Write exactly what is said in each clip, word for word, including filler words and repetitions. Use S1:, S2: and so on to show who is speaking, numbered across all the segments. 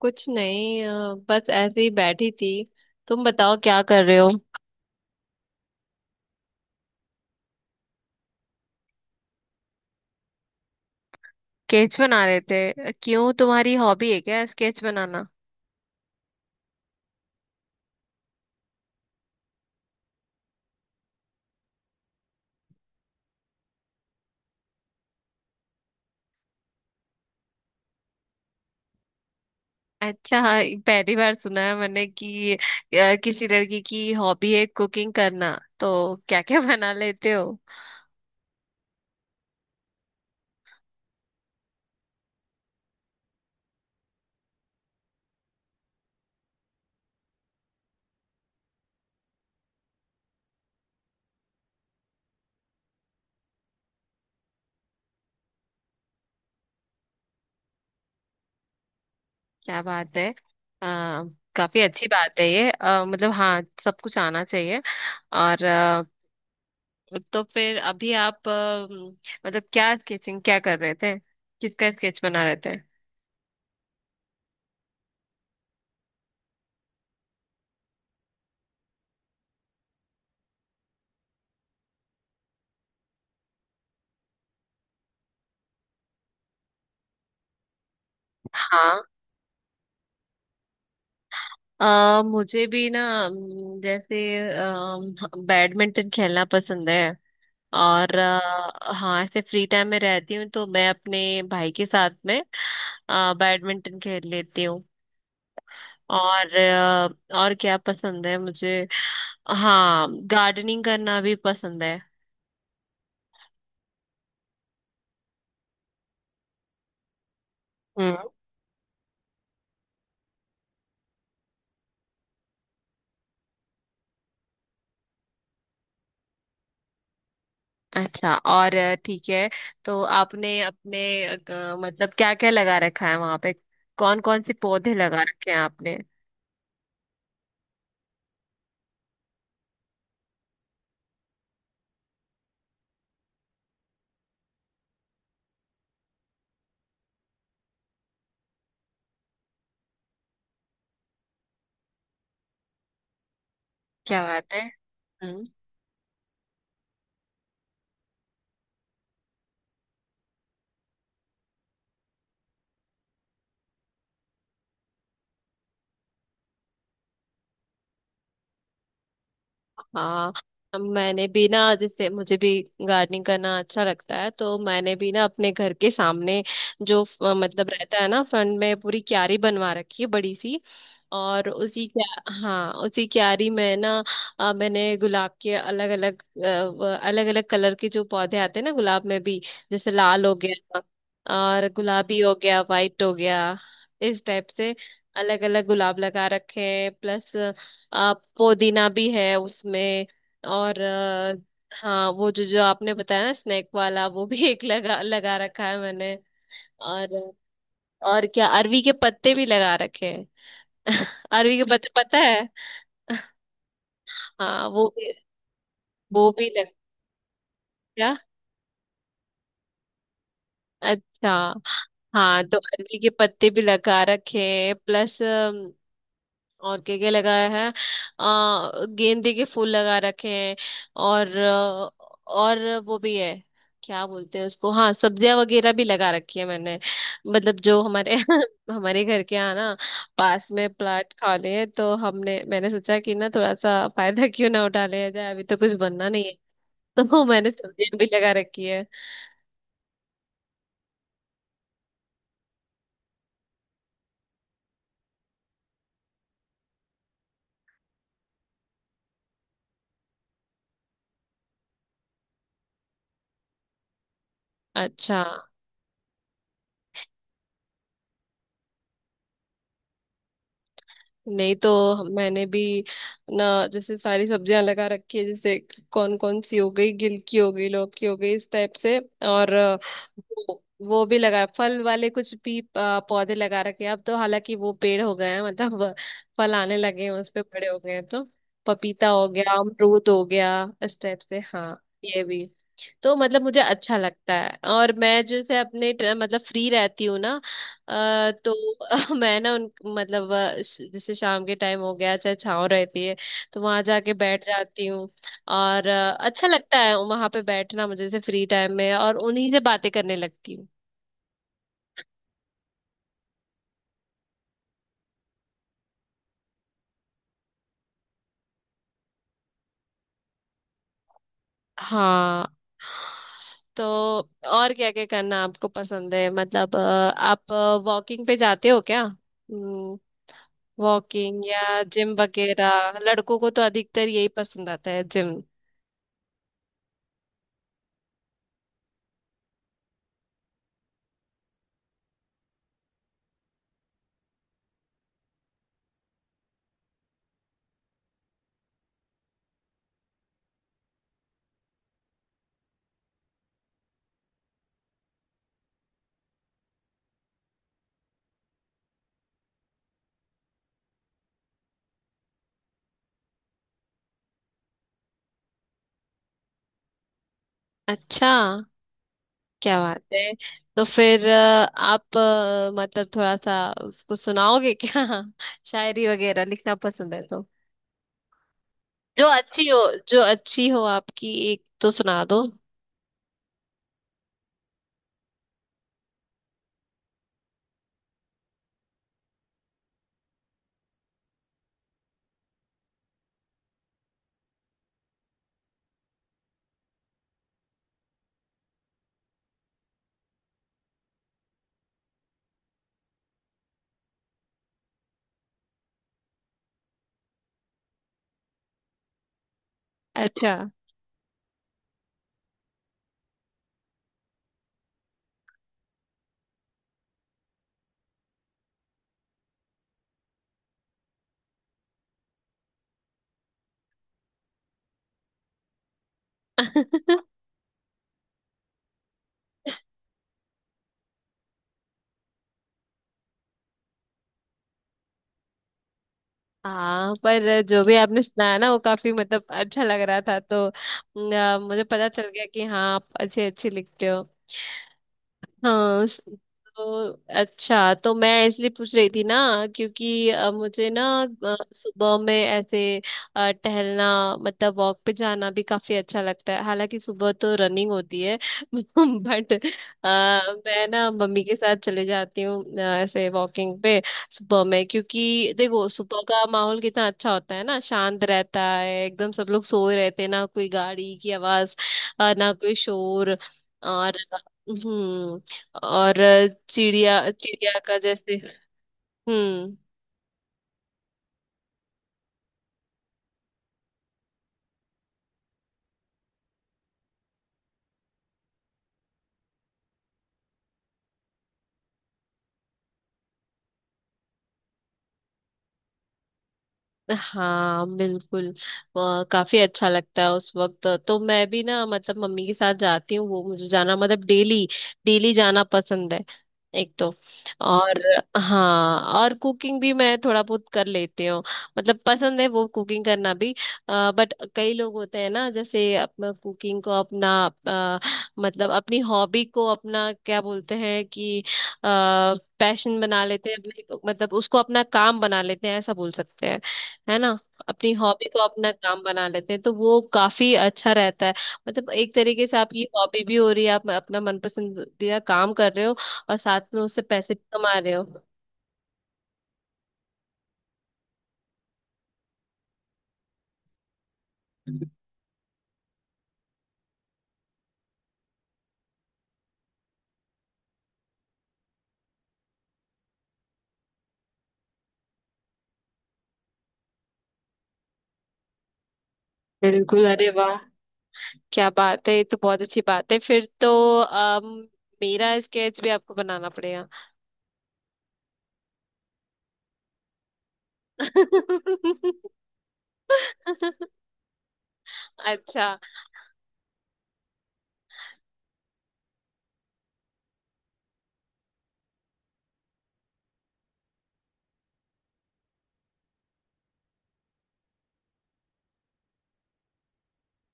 S1: कुछ नहीं, अ, बस ऐसे ही बैठी थी। तुम बताओ क्या कर रहे हो? स्केच बना रहे थे? क्यों, तुम्हारी हॉबी है क्या स्केच बनाना? अच्छा, हाँ। पहली बार सुना है मैंने कि अ, किसी लड़की की हॉबी है कुकिंग करना। तो क्या क्या बना लेते हो? क्या बात है। आ, काफी अच्छी बात है ये, अ, मतलब हाँ, सब कुछ आना चाहिए। और अ, तो फिर अभी आप, अ, मतलब क्या स्केचिंग क्या कर रहे थे? किसका स्केच बना रहे थे? हाँ। आ, मुझे भी ना, अम, जैसे अम, बैडमिंटन खेलना पसंद है। और अ, हाँ, ऐसे फ्री टाइम में रहती हूँ तो मैं अपने भाई के साथ में अ, बैडमिंटन खेल लेती हूँ। और अ, और क्या पसंद है मुझे? हाँ, गार्डनिंग करना भी पसंद है। हम्म। अच्छा, और अ, ठीक है। तो आपने अपने, अ, मतलब क्या क्या लगा रखा है वहां पे? कौन कौन से पौधे लगा रखे हैं आपने? क्या बात है। हाँ, मैंने भी ना, जैसे मुझे भी गार्डनिंग करना अच्छा लगता है तो मैंने भी ना अपने घर के सामने जो अ, मतलब रहता है ना फ्रंट में, पूरी क्यारी बनवा रखी है बड़ी सी। और उसी, क्या, हाँ, उसी क्यारी में ना अ, मैंने गुलाब के अलग अलग, अलग अलग कलर के जो पौधे आते हैं ना गुलाब में भी, जैसे लाल हो गया और गुलाबी हो गया, वाइट हो गया, इस टाइप से अलग अलग गुलाब लगा रखे हैं। प्लस पुदीना भी है उसमें। और अ, हाँ, वो जो जो आपने बताया ना स्नैक वाला वो भी एक लगा लगा रखा है मैंने। और और क्या, अरवी के पत्ते भी लगा रखे हैं। अरवी के पत्ते पता है? हाँ, वो भी, वो भी लग, क्या, अच्छा। हाँ तो अरवी के पत्ते भी लगा रखे हैं। प्लस और क्या क्या लगाया है, आ, गेंदे के फूल लगा रखे हैं। और अ, और वो भी है, क्या बोलते हैं उसको, हाँ, सब्जियां वगैरह भी लगा रखी है मैंने। मतलब जो हमारे हमारे घर के यहाँ ना पास में प्लाट खाली है तो हमने मैंने सोचा कि ना थोड़ा सा फायदा क्यों ना उठा लिया जाए, अभी तो कुछ बनना नहीं है। तो मैंने सब्जियां भी लगा रखी है। अच्छा नहीं तो हम- मैंने भी ना जैसे सारी सब्जियां लगा रखी है, जैसे कौन कौन सी, हो गई गिलकी हो गई लौकी, हो गई इस टाइप से। और अ, वो, वो भी लगा, फल वाले कुछ भी अ, पौधे लगा रखे हैं। अब तो हालांकि वो पेड़ हो गए हैं, मतलब अ, फल आने लगे हैं उस पे, बड़े हो गए हैं तो पपीता हो गया, अमरूद हो गया, इस टाइप से। हाँ, ये भी। तो मतलब मुझे अच्छा लगता है। और मैं जैसे अपने ट- मतलब फ्री रहती हूँ ना, अ, तो मैं ना उन, मतलब अ, श- जैसे शाम के टाइम हो गया, चाहे छाँव रहती है तो वहां जाके बैठ जाती हूँ। और अ, अच्छा लगता है वहां पे बैठना मुझे जैसे फ्री टाइम में, और उन्हीं से बातें करने लगती हूँ। हाँ तो और क्या क्या करना आपको पसंद है? मतलब अ, आप वॉकिंग पे जाते हो क्या? वॉकिंग या जिम वगैरह, लड़कों को तो अधिकतर यही पसंद आता है, जिम। अच्छा। क्या बात है। तो फिर अ, आप, अ, मतलब थोड़ा सा उसको सुनाओगे क्या? शायरी वगैरह लिखना पसंद है तो जो अच्छी हो, जो अच्छी हो आपकी एक तो सुना दो। अच्छा। हाँ, पर जो भी आपने सुनाया ना वो काफी, मतलब अच्छा लग रहा था। तो अ, मुझे पता चल गया कि हाँ, आप अच्छे अच्छे लिखते हो। हाँ स- तो अच्छा, तो मैं इसलिए पूछ रही थी ना क्योंकि अ, मुझे ना अ, सुबह में ऐसे अ, टहलना, मतलब वॉक पे जाना भी काफी अच्छा लगता है, हालांकि सुबह तो रनिंग होती है बट मैं ना मम्मी के साथ चले जाती हूँ, अ, ऐसे वॉकिंग पे सुबह में। क्योंकि देखो, सुबह का माहौल कितना अच्छा होता है ना, शांत रहता है एकदम, सब लोग सोए रहते हैं ना, कोई गाड़ी की आवाज अ, ना कोई शोर, और हम्म, और चिड़िया, चिड़िया का जैसे। हम्म। हाँ बिल्कुल। अ, काफी अच्छा लगता है उस वक्त तो, मैं भी ना मतलब मम्मी के साथ जाती हूँ, वो मुझे जाना मतलब डेली, डेली जाना पसंद है। एक तो। और हाँ, और कुकिंग भी मैं थोड़ा बहुत कर लेती हूँ, मतलब पसंद है वो, कुकिंग करना भी। बट कई लोग होते हैं ना, जैसे अपना कुकिंग को अपना अ, मतलब अपनी हॉबी को अपना, क्या बोलते हैं कि पैशन बना लेते हैं, अपने- मतलब उसको अपना काम बना लेते हैं, ऐसा बोल सकते हैं। है ना, अपनी हॉबी को अपना काम बना लेते हैं तो वो काफी अच्छा रहता है। मतलब एक तरीके से आपकी हॉबी भी हो रही है, आप अपना मनपसंदीदा काम कर रहे हो, और साथ में उससे पैसे भी कमा रहे हो। बिल्कुल, अरे वाह, क्या बात है, ये तो बहुत अच्छी बात है। फिर तो अम, मेरा स्केच भी आपको बनाना पड़ेगा। अच्छा।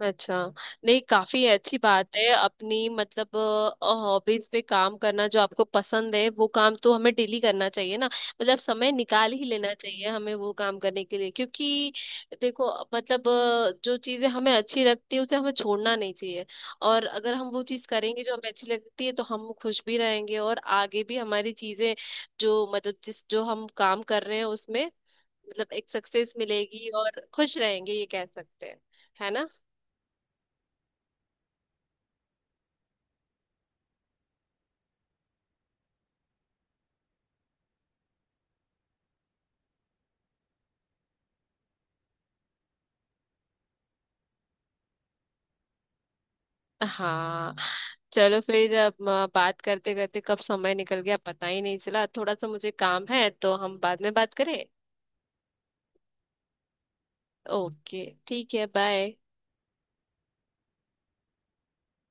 S1: अच्छा, नहीं, काफी अच्छी बात है अपनी, मतलब हॉबीज पे काम करना। जो आपको पसंद है वो काम तो हमें डेली करना चाहिए ना, मतलब समय निकाल ही लेना चाहिए हमें वो काम करने के लिए। क्योंकि देखो, मतलब अ, जो चीजें हमें अच्छी लगती है उसे हमें छोड़ना नहीं चाहिए। और अगर हम वो चीज करेंगे जो हमें अच्छी लगती है तो हम खुश भी रहेंगे, और आगे भी हमारी चीजें जो, मतलब जिस जो हम काम कर रहे हैं उसमें, मतलब एक सक्सेस मिलेगी और खुश रहेंगे, ये कह सकते हैं। है ना। हाँ, चलो फिर अब आ, बात करते करते कब समय निकल गया पता ही नहीं चला। थोड़ा सा मुझे काम है तो हम बाद में बात करें? ओके, ठीक है, बाय।